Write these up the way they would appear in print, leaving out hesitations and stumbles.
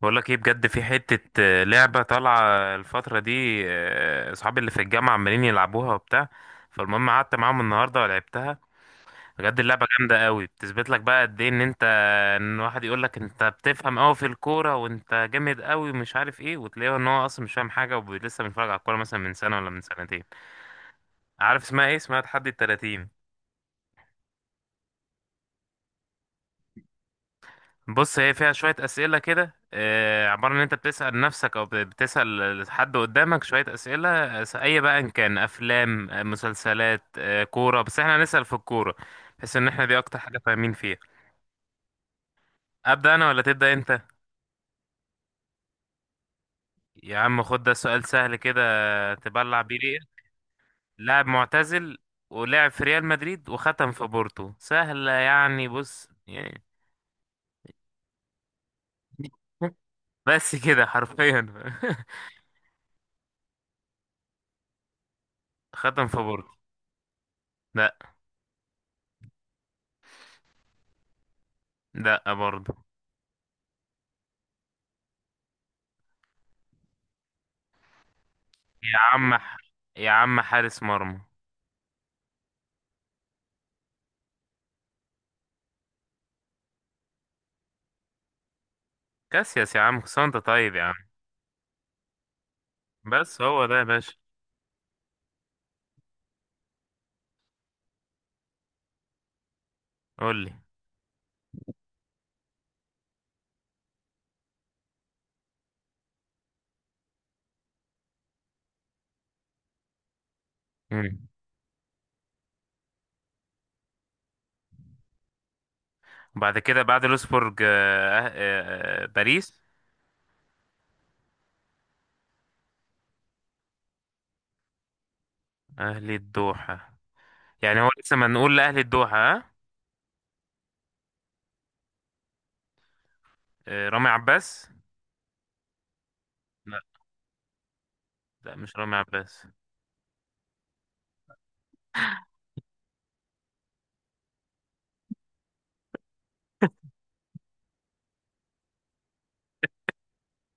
بقول لك ايه، بجد في حتة لعبة طالعة الفترة دي. اصحابي اللي في الجامعة عمالين يلعبوها وبتاع. فالمهم قعدت معاهم النهاردة ولعبتها. بجد اللعبة جامدة قوي، بتثبت لك بقى قد ايه ان واحد يقول لك انت بتفهم قوي في الكورة وانت جامد قوي ومش عارف ايه، وتلاقيه ان هو اصلا مش فاهم حاجة ولسه بيتفرج على الكورة مثلا من سنة ولا من سنتين. عارف اسمها ايه؟ اسمها تحدي التلاتين. بص هي فيها شوية أسئلة كده، عبارة إن أنت بتسأل نفسك أو بتسأل حد قدامك شوية أسئلة. أي بقى إن كان أفلام، مسلسلات، كورة، بس إحنا هنسأل في الكورة، بحيث إن إحنا دي أكتر حاجة فاهمين فيها. أبدأ أنا ولا تبدأ أنت؟ يا عم خد ده سؤال سهل كده، تبلع بيه ريقك. لاعب معتزل، ولعب في ريال مدريد وختم في بورتو. سهلة يعني، بص يعني. بس كده حرفيا. ختم في بورتو. لا. لا برضه. يا عم ح- يا عم حارس مرمى. كاسياس يا عم، كنت انت طيب يا عم. بس هو ده يا باشا. قول لي. مم. وبعد كده بعد لوسبورج، باريس. اهلي الدوحة. يعني هو لسه، ما نقول لاهلي الدوحة، ها. رامي عباس. لا، لا مش رامي عباس.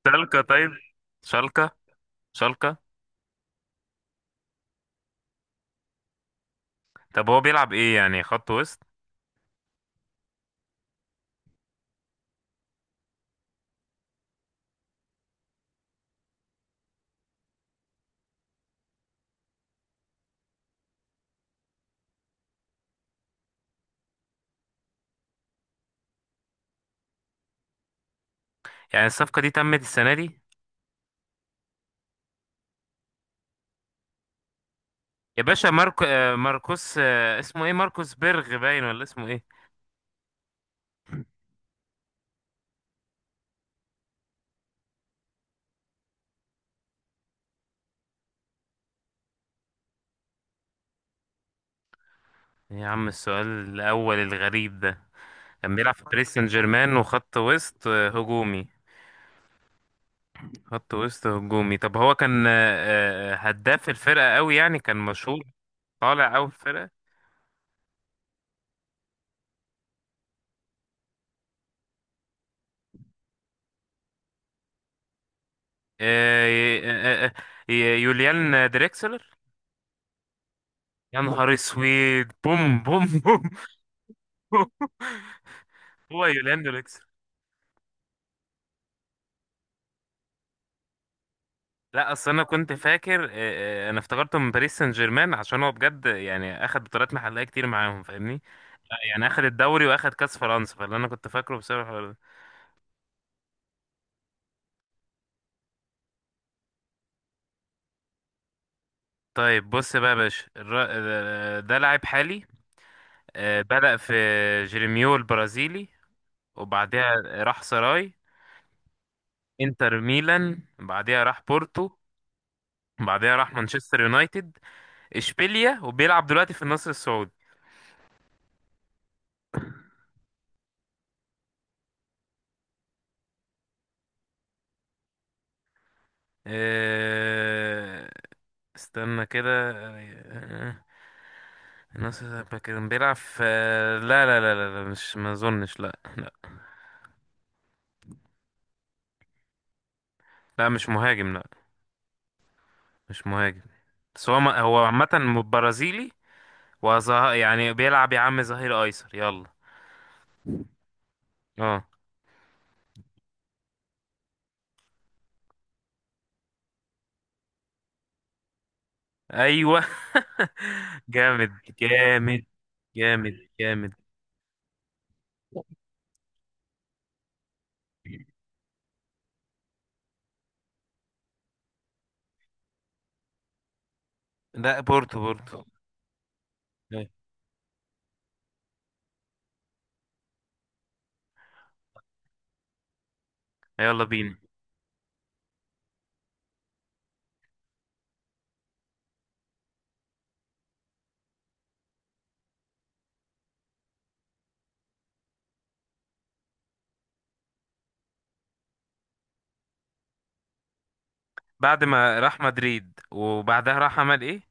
شالكة طيب. شالكة. شالكة. طب هو بيلعب ايه؟ يعني خط وسط. يعني الصفقة دي تمت السنة دي؟ يا باشا ماركو، ماركوس، اسمه ايه؟ ماركوس بيرغ باين، ولا اسمه ايه؟ إيه يا عم السؤال الأول الغريب ده؟ كان بيلعب في باريس سان جيرمان، وخط وسط هجومي. خط وسط هجومي. طب هو كان، هداف الفرقة قوي يعني؟ كان مشهور، طالع قوي في الفرقة؟ آه، ي- آه، آه، يوليان دريكسلر. يا نهار اسود، بوم بوم بوم. بوم. هو يوليان دريكسلر. لا اصل انا كنت فاكر، انا افتكرته من باريس سان جيرمان، عشان هو بجد يعني اخد بطولات محلية كتير معاهم، فاهمني؟ يعني اخد الدوري واخد كاس فرنسا، فاللي انا كنت فاكره بسبب. طيب بص بقى يا باشا، ده لاعب حالي، بدأ في جيرميو البرازيلي، وبعدها راح سراي، انتر ميلان، بعدها راح بورتو، بعدها راح مانشستر يونايتد، اشبيليا، وبيلعب دلوقتي في النصر السعودي. آه، استنى كده. آه، النصر السعودي كان بيلعب في، لا لا لا لا لا، مش، ما اظنش، لا. لا مش مهاجم، لا. مش مهاجم. بس هو هو عامة برازيلي. يعني بيلعب يا عم ظهير ايسر، يلا. اه. ايوه. جامد. جامد جامد. جامد. لا بورتو، بورتو. أيوة. يلا بينا. بعد ما راح مدريد وبعدها راح عمل ايه؟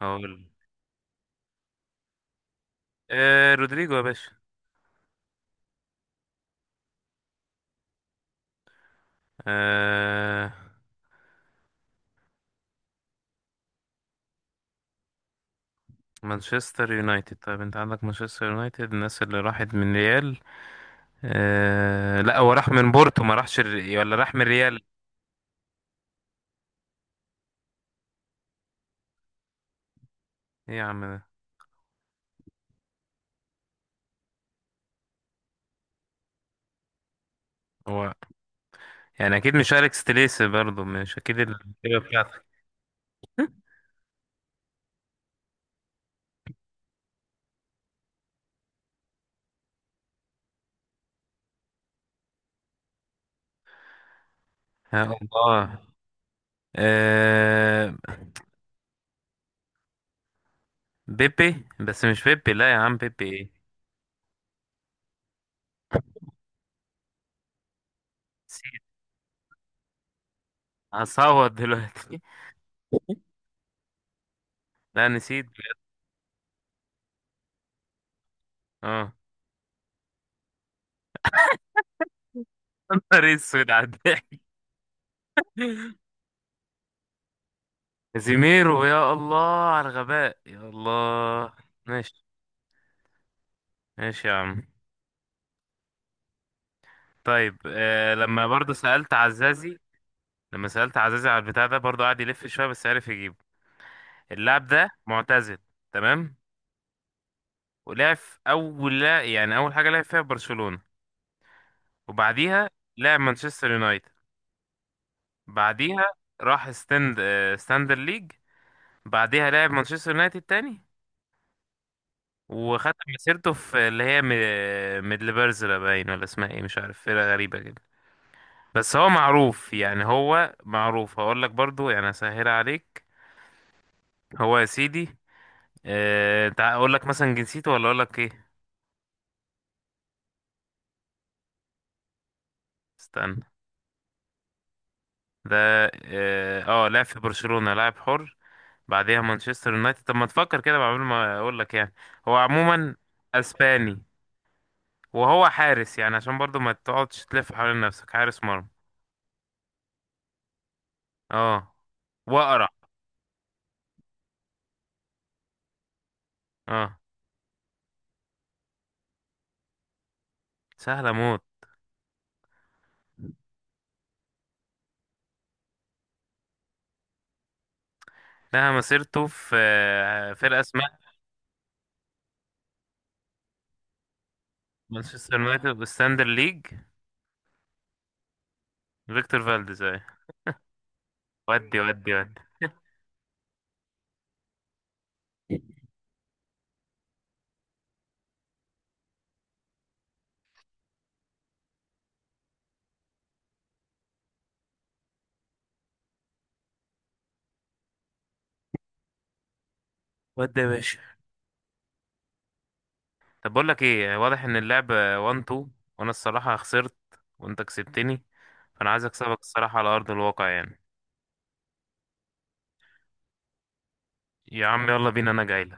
هقول. آه رودريجو يا باشا. آه. مانشستر يونايتد، طيب. انت عندك مانشستر يونايتد، الناس اللي راحت من ريال. آه لا، هو راح من بورتو، ما راحش ولا راح من ريال؟ ايه يا عم ده؟ هو، يعني اكيد مش اليكس تليسي برضو؟ مش اكيد، الكتيبه بتاعتك. آه، الله. آه. بيبي، بس مش بيبي، لا يا عم، بيبي ايه؟ نسيت. هصوت دلوقتي. لا نسيت بجد. اه. يا نهار اسود على الضحك. كازيميرو، يا الله على الغباء، يا الله. ماشي. ماشي يا عم. طيب آه، لما برضه سألت عزازي، لما سألت عزازي على البتاع ده برضه، قعد يلف شوية بس عرف يجيبه. اللاعب ده معتزل. تمام. ولعب في اول، لا يعني اول حاجه لعب فيها برشلونه، وبعديها لعب مانشستر يونايتد، بعديها راح ستاند ستاندر ليج، بعديها لعب مانشستر يونايتد تاني، وختم مسيرته في اللي هي ميدلبرزلا باين، ولا اسمها ايه مش عارف، فرقه غريبه كده. بس هو معروف، يعني هو معروف. هقول لك برضو يعني، اسهل عليك. هو يا سيدي، اقول لك مثلا جنسيته ولا اقول لك ايه؟ استنى. ده اه، لعب في برشلونه لاعب حر، بعديها مانشستر يونايتد. طب ما تفكر كده قبل ما اقول لك يعني. هو عموما اسباني، وهو حارس، يعني عشان برضو ما تقعدش تلف حوالين نفسك. حارس مرمى. اه. واقرع. اه. سهله موت. لها مسيرته في فرقه اسمها، مانشستر يونايتد والساندر ليج. فيكتور فالديز اهي. ودي ودي ودي. ودي يا باشا. طب بقول لك ايه، واضح ان اللعبه 1 2، وانا الصراحه خسرت وانت كسبتني، فانا عايز اكسبك الصراحه على ارض الواقع يعني. يا عم يلا بينا، انا جاي.